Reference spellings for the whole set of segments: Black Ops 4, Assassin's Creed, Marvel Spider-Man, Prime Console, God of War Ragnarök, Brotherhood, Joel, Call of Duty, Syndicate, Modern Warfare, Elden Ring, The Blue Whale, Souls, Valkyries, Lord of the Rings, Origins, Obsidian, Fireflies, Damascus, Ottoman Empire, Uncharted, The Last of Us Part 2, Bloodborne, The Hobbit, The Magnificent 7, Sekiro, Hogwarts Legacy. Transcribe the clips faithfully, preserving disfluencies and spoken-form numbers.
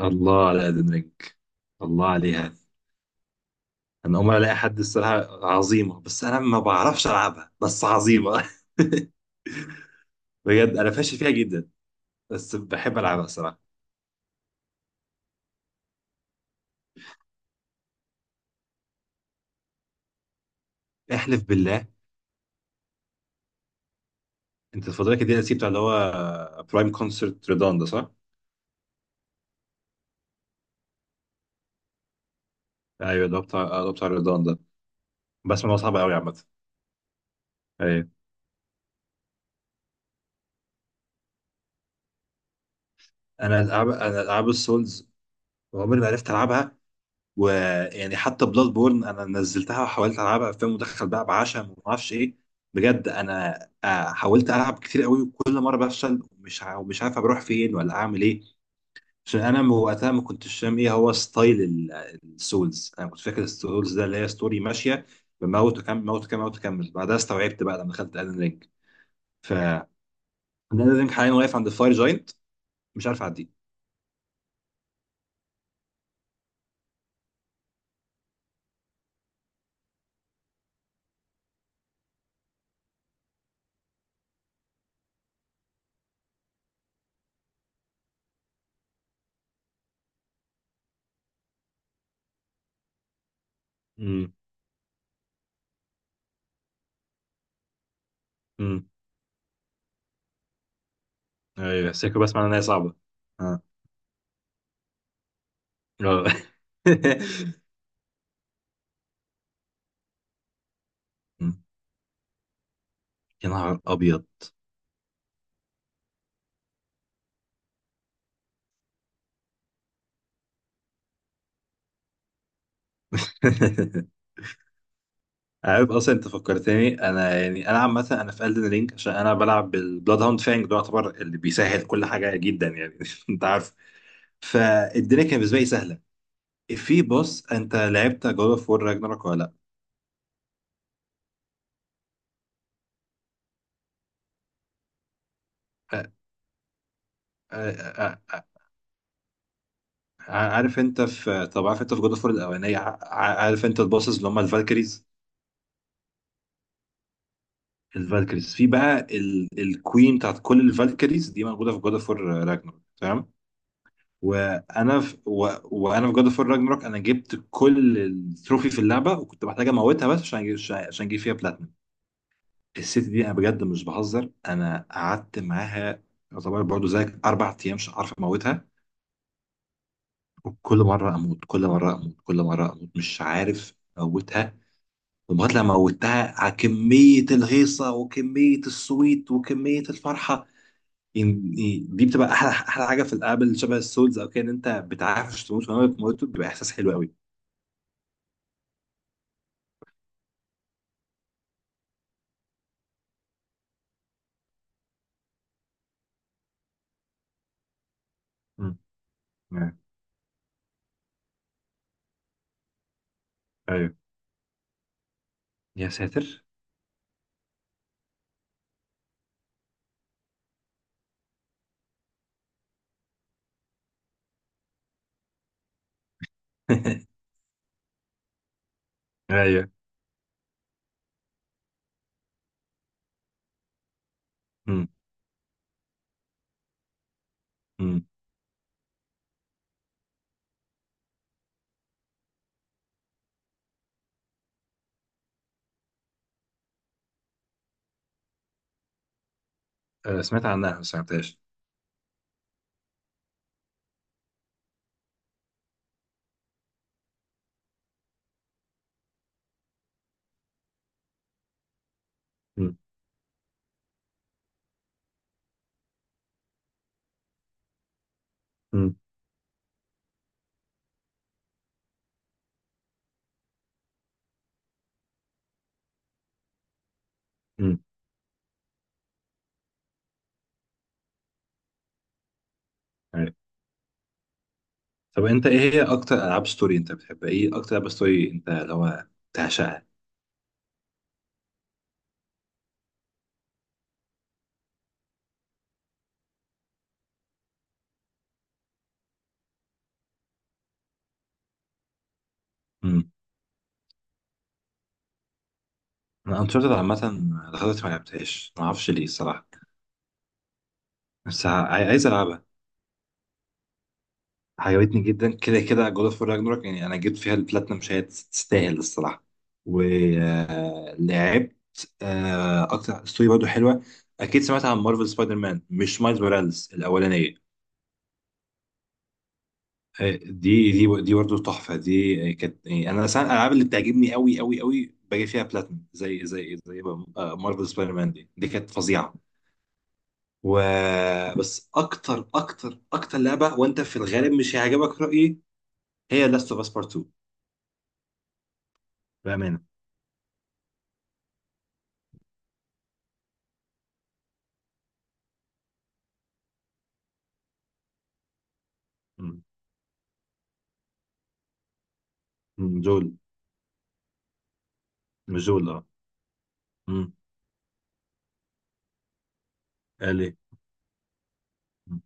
الله على قد منك. الله عليها. انا اول مره الاقي حد، الصراحه عظيمه، بس انا ما بعرفش العبها، بس عظيمه. بجد انا فاشل فيها جدا. بس بحب العبها الصراحه. احلف بالله. انت الفتره كده الدي ال سي بتاع اللي هو برايم كونسرت ريدان ده، صح؟ ايوه، اللي هو بتاع اللي هو بتاع ريدان ده. بسمع إن هو صعب قوي عامه. ايوه. انا العاب انا العاب السولز عمري ما عرفت العبها، ويعني حتى بلاد بورن انا نزلتها وحاولت العبها في مدخل بقى بعشم وما اعرفش ايه. بجد انا، آه، حاولت العب كتير قوي وكل مره بفشل، ومش ع- ومش عارف بروح فين ولا اعمل ايه. عشان انا، م- وقتها ما كنتش فاهم ايه هو ستايل ال- السولز. انا كنت فاكر السولز ده اللي هي ستوري ماشيه، بموت وكمل، موت وكمل، موت وكمل، بعدها استوعبت بقى لما دخلت الن رينج. ف الن رينج حاليا واقف عند الفاير جاينت، مش عارف اعديه. امم امم ايوه، سيكو بسمع ان هي صعبه. اه. آه. يا نهار ابيض. عارف اصلا، انت فكرتني، انا يعني انا عامه انا في الدن رينج عشان انا بلعب بالبلاد هاوند فانج، ده يعتبر اللي بيسهل كل حاجه جدا، يعني انت عارف، فالدنيا كانت بالنسبه لي سهله. في بوس، انت لعبت جود اوف وور راجناروك ولا لا؟ آه. آه. آه. آه. عارف انت في طب عارف انت في جود اوف وور الاولانيه، ع- ع- عارف انت البوسز اللي هم الفالكريز؟ الفالكريز في بقى ال... الكوين بتاعت كل الفالكريز دي موجوده في جود اوف وور راجناروك، تمام؟ وانا في و... وانا في جاد اوف راجناروك، انا جبت كل التروفي في اللعبه وكنت محتاج اموتها بس عشان اجيب عشان اجيب فيها بلاتنم. الست دي، انا بجد مش بهزر، انا قعدت معاها يعتبر برضه زيك اربع ايام مش عارف اموتها، وكل مره اموت، كل مره اموت، كل مره اموت، مش عارف اموتها، لغايه لما موتها، على كميه الهيصه وكميه السويت وكميه الفرحه. يعني دي بتبقى احلى احلى حاجه في الالعاب اللي شبه السولز او كده، ان انت بتعرفش تموت، فلما بتموت بيبقى احساس حلو قوي. آه، ايوه يا ساتر. ايوه. مم. مم. آه، سمعت عنها بس ما عرفتهاش. مم. مم. مم. ايوه. طب انت، ايه هي اكتر العاب ستوري انت بتحبها، ايه اكتر العاب ستوري انت لو بتعشقها؟ مم. انا انشارتد عامه لغايه دلوقتي ما لعبتهاش، ما اعرفش ليه الصراحه، بس ع- عايز العبها. عجبتني جدا كده كده جود اوف راجنروك، يعني انا جبت فيها البلاتنم، مش هي تستاهل الصراحه. ولعبت اكتر ستوري برضه حلوه، اكيد سمعت عن مارفل سبايدر مان، مش مايلز موراليس، الاولانيه. آه، دي دي دي برضه تحفه، دي آه، كانت، يعني انا مثلا الالعاب اللي بتعجبني قوي قوي قوي باجي فيها بلاتنم، زي زي زي آه، مارفل سبايدر مان دي، دي كانت فظيعه. و آه، بس اكتر اكتر اكتر لعبه، وانت في الغالب مش هيعجبك رايي، هي لاست اوف اس بارت اتنين، بامانه. مم، جول. مش جول، اه. مم، قال ايه. مم.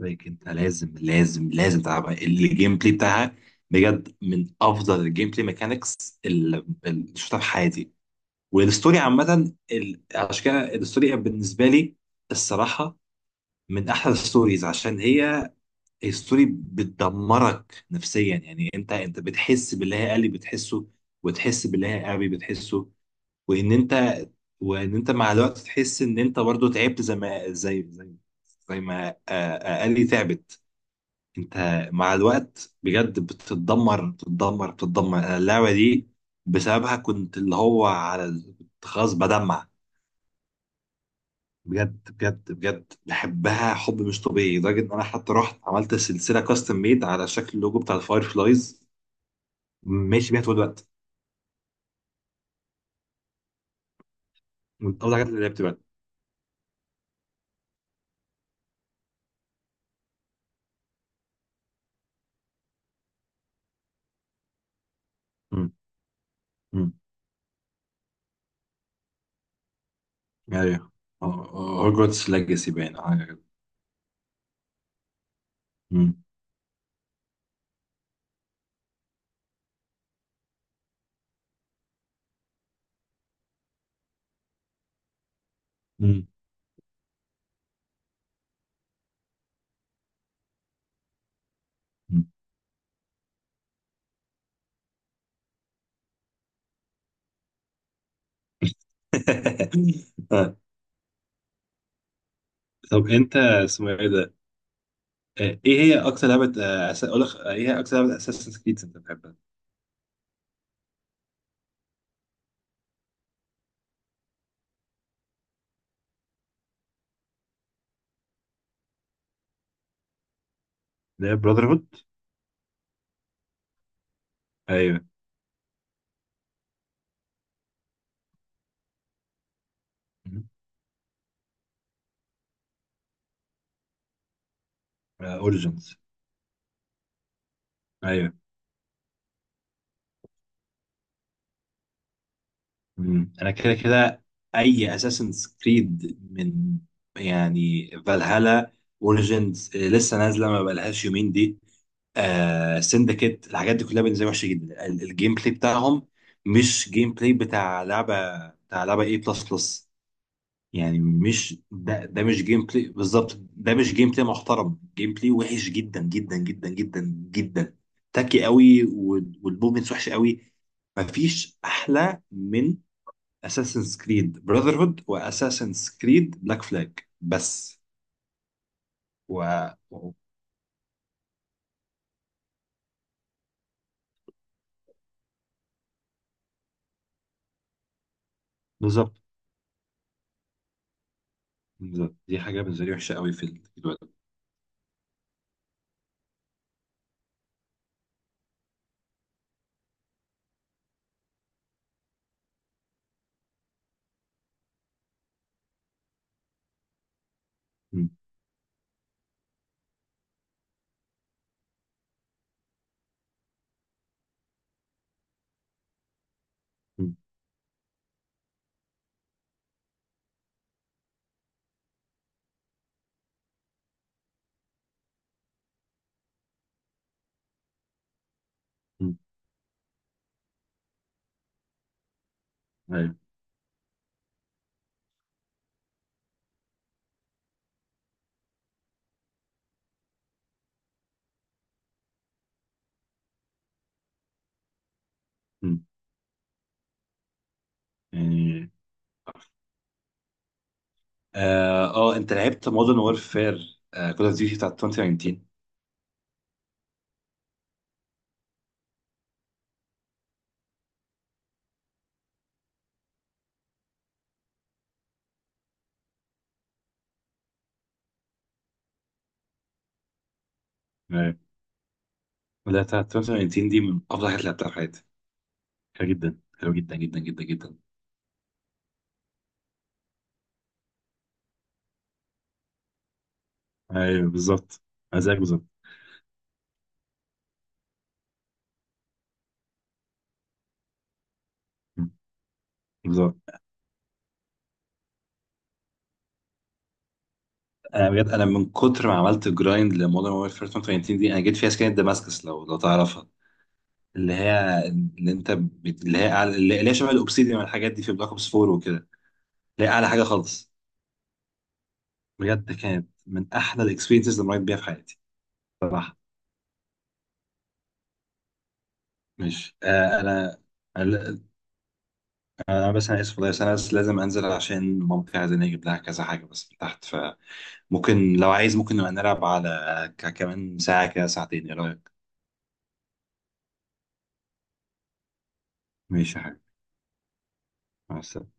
لكن انت لازم لازم لازم تلعبها، الجيم بلاي بتاعها بجد من افضل الجيم بلاي ميكانكس اللي اللي شفتها في حياتي، والستوري عامه، ال- عشان كده الستوري بالنسبه لي الصراحه من احلى الستوريز، عشان هي الستوري بتدمرك نفسيا. يعني انت انت بتحس باللي هي قالي بتحسه، وتحس باللي هي ابي بتحسه، وان انت وان انت مع الوقت تحس ان انت برضو تعبت، زي ما زي زي زي ما آه، اقلي تعبت. انت مع الوقت بجد بتتدمر بتتدمر بتتدمر، أنا اللعبه دي بسببها كنت، اللي هو على ال- كنت خلاص بدمع. بجد بجد بجد بحبها حب مش طبيعي، لدرجه ان انا حتى رحت عملت سلسله كاستم ميد على شكل اللوجو بتاع الفاير فلايز، ماشي بيها طول الوقت، من اول الحاجات اللي لعبت بقى. امم امم ايوه، هوجورتس ليجاسي باين. مم. مم. مم. آه. طب انت اسمه ايه ده؟ آه، ايه هي اكتر لعبة، آه، أس- اقول لك آه، ايه هي اكتر لعبة اساسن كريد انت بتحبها؟ اللي هي براذر هود؟ ايوه. اوريجنز. ايوه. مم. انا كده كده اي اساسن كريد من، يعني فالهالا، اوريجنز لسه نازله ما بقالهاش يومين دي، آه سندكيت، الحاجات دي كلها بالنسبه لي وحشه جدا، ال- الجيم بلاي بتاعهم مش جيم بلاي بتاع لعبه بتاع لعبه اي بلس بلس، يعني مش ده ده مش جيم بلاي بالظبط، ده مش جيم بلاي محترم، جيم بلاي وحش جدا جدا جدا جدا جدا، تاكي قوي، وال- والمومنتس وحشه قوي. مفيش احلى من اساسنز كريد براذر هود واساسنز كريد بلاك فلاج بس. و و- بالظبط. بالظبط، دي حاجه بالنسبه لي وحشه قوي في ال- في الوقت. مم. مم. مم. ايوه. مم. يعني، اه آه، انت لعبت مودرن وورفير كول اوف ديوتي بتاعت ألفين وتسعتاشر، بدأت ألفين وتمنتاشر، دي من أفضل الحاجات اللي لعبتها في حياتي، حلوة جدا، حلوة جدا جدا جدا جدا. أيوه بالظبط، أنا زيك بالظبط. مم. بالظبط، أنا بجد، أنا من كتر ما عملت جرايند لمودرن وورفير ألفين وتمنتاشر دي، أنا جيت فيها سكينة دماسكس، لو لو تعرفها، اللي هي اللي أنت بت... اللي هي أعلى... اللي اللي هي شبه الأوبسيديان والحاجات دي في بلاك أوبس فور وكده، اللي هي أعلى حاجة خالص. بجد كانت من أحلى الإكسبيرينسز اللي مريت بيها في حياتي، صراحة. مش آه أنا، أنا، أنا بس أنا آسف والله، بس أنا بس لازم أنزل عشان مامتي عايزاني أجيب لها كذا حاجة بس من تحت، ف ممكن لو عايز ممكن نبقى نلعب على ك- كمان ساعة كده، ساعتين، ايه رأيك؟ ماشي يا حبيبي. مع السلامة.